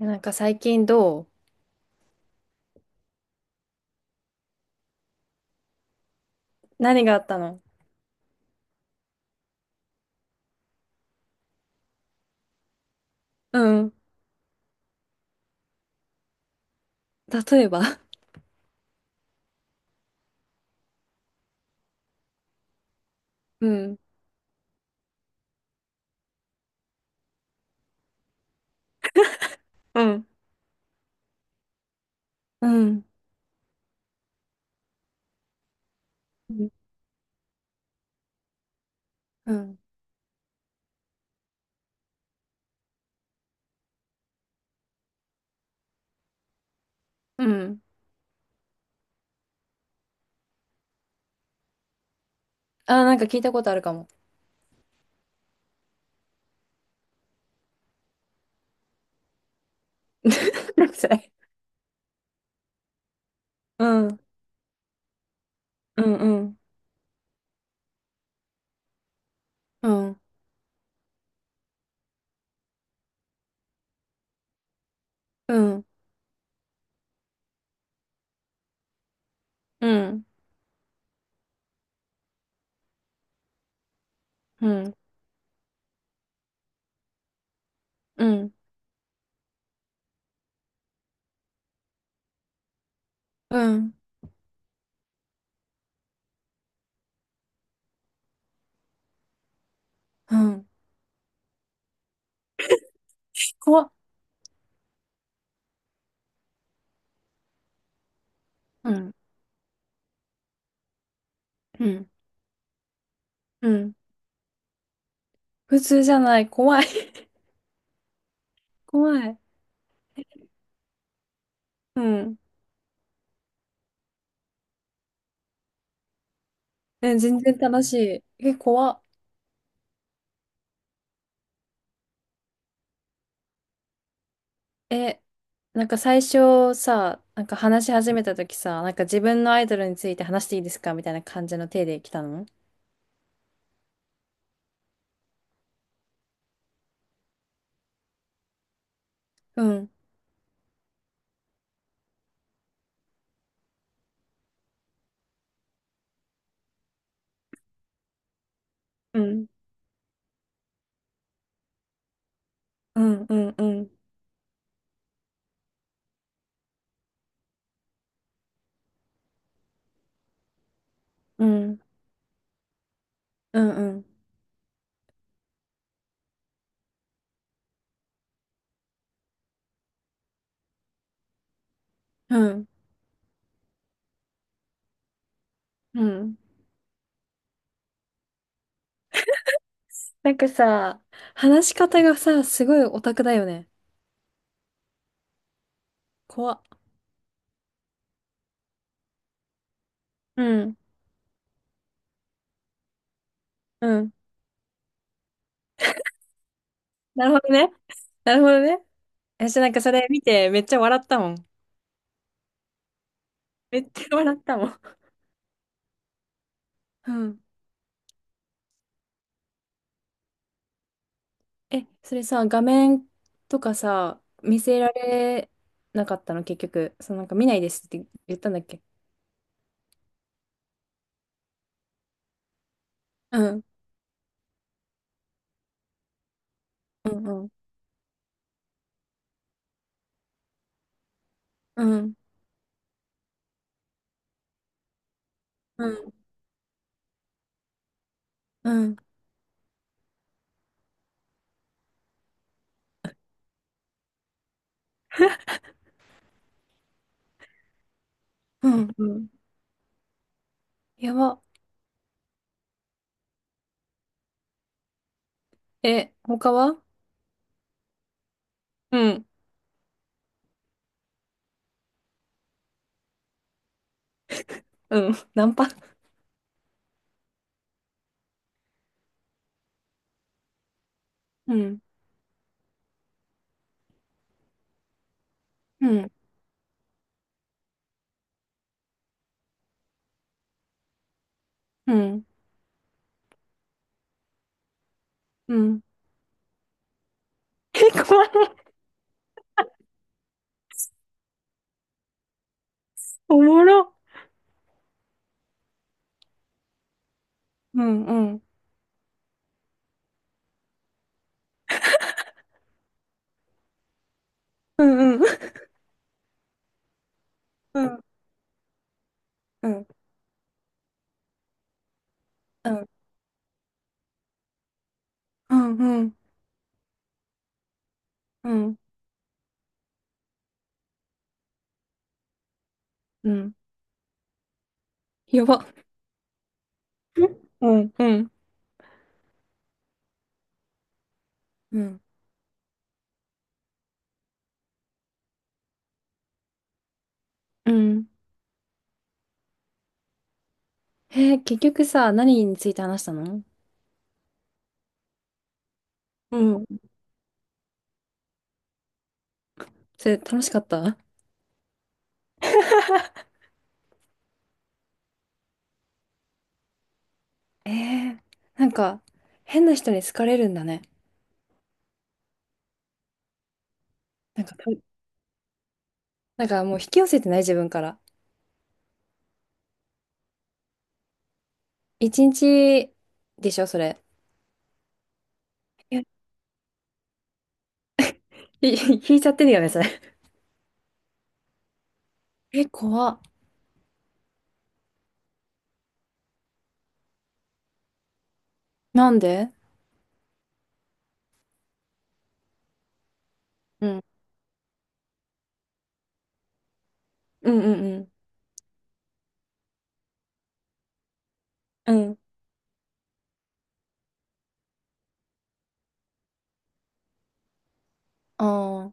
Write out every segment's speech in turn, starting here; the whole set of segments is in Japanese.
なんか最近どう？何があったの？うん。例えば？うん、うん。うん、うん。うん、あ、なんか聞いたことあるかも。何それ？うん、うん、うん、うん、うん、うん、うん、うん、うん、うん。怖っ。うん、うん、うん。普通じゃない。怖い。怖い。うん。え、全然楽しい。え、怖っ。え、なんか最初さ、なんか話し始めた時さ、なんか自分のアイドルについて話していいですかみたいな感じの手で来たの？うん。うん。うん。うん。うん。うん。うん。うん。うん。なんかさ、話し方がさ、すごいオタクだよね。怖っ。うん。うん。なるほどね。なるほどね。私なんかそれ見てめっちゃ笑ったもん。めっちゃ笑ったもん。うん。え、それさ、画面とかさ、見せられなかったの、結局。そのなんか見ないですって言ったんだっけ？うん、うん、うん、うん、うん、うん、うん。うん、やば。え、他は？うん、うん。ナンパ？うん、うん、うん、うん、え、怖い。おもろ。うん、うん、うん、うん。うん、うん、うん、うん、うん、うん、うん、やば。うん、うん。うん、うん。えー結局さ、何について話したの？うん。それ楽しかった？えー、なんか、変な人に好かれるんだね。なんか、と、なんかもう引き寄せてない自分から。一日でしょ、それ。いや、い、 引いちゃってるよね、それ。え、怖っ。なんで？うん。うんうんうん。うん。ああ。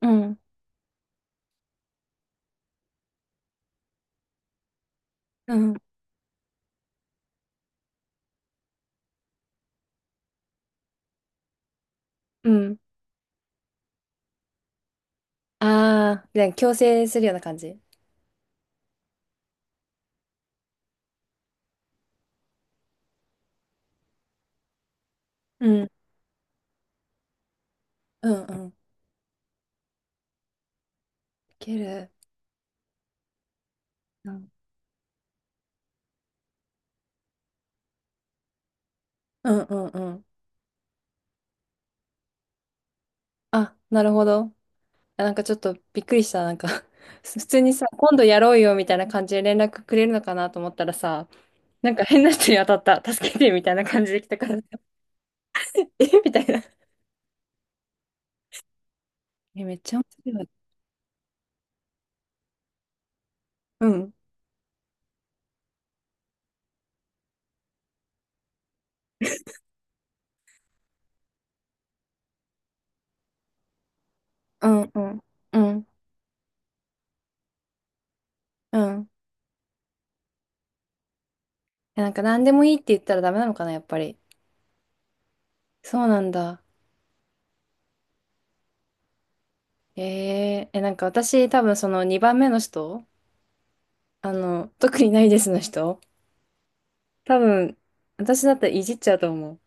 うん、うん。うん。ああ、で、強制するような感じ。うん。うんうん。いける。うんうんうんうん。あ、なるほど。あ、なんかちょっとびっくりした。なんか 普通にさ、今度やろうよみたいな感じで連絡くれるのかなと思ったらさ、なんか変な人に当たった。助けてみたいな感じで来たから、えみたいな。え、めっちゃ面白い。うん。うん、うん、うん、うん。え、なんか何でもいいって言ったらダメなのかな、やっぱり。そうなんだ。えー、え、なんか私多分その2番目の人、あの、特にないですの人、多分私だったらいじっちゃうと思う。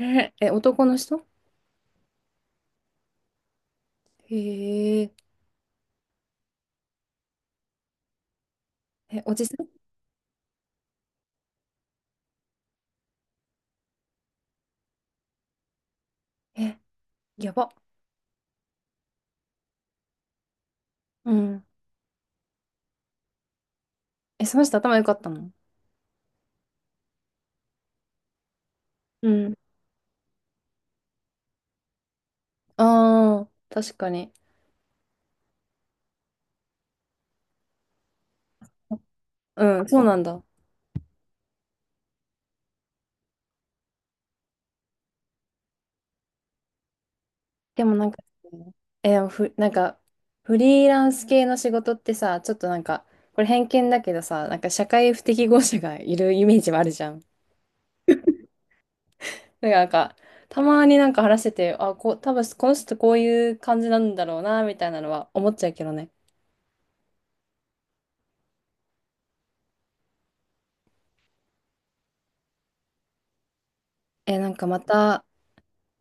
えー、え、男の人？へえ、え、おじさん？え、やば。うん。え、その人頭良かったの？うん。ああー、確かに。うん、そうなんだ。でもなんか、え、でもふ、なんか、フリーランス系の仕事ってさ、ちょっとなんか、これ偏見だけどさ、なんか社会不適合者がいるイメージはあるじゃん。だからなんか、たまになんか話してて、あ、こう、多分この人こういう感じなんだろうな、みたいなのは思っちゃうけどね。え、なんかまた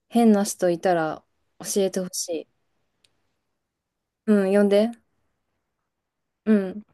変な人いたら教えてほしい。うん、呼んで。うん。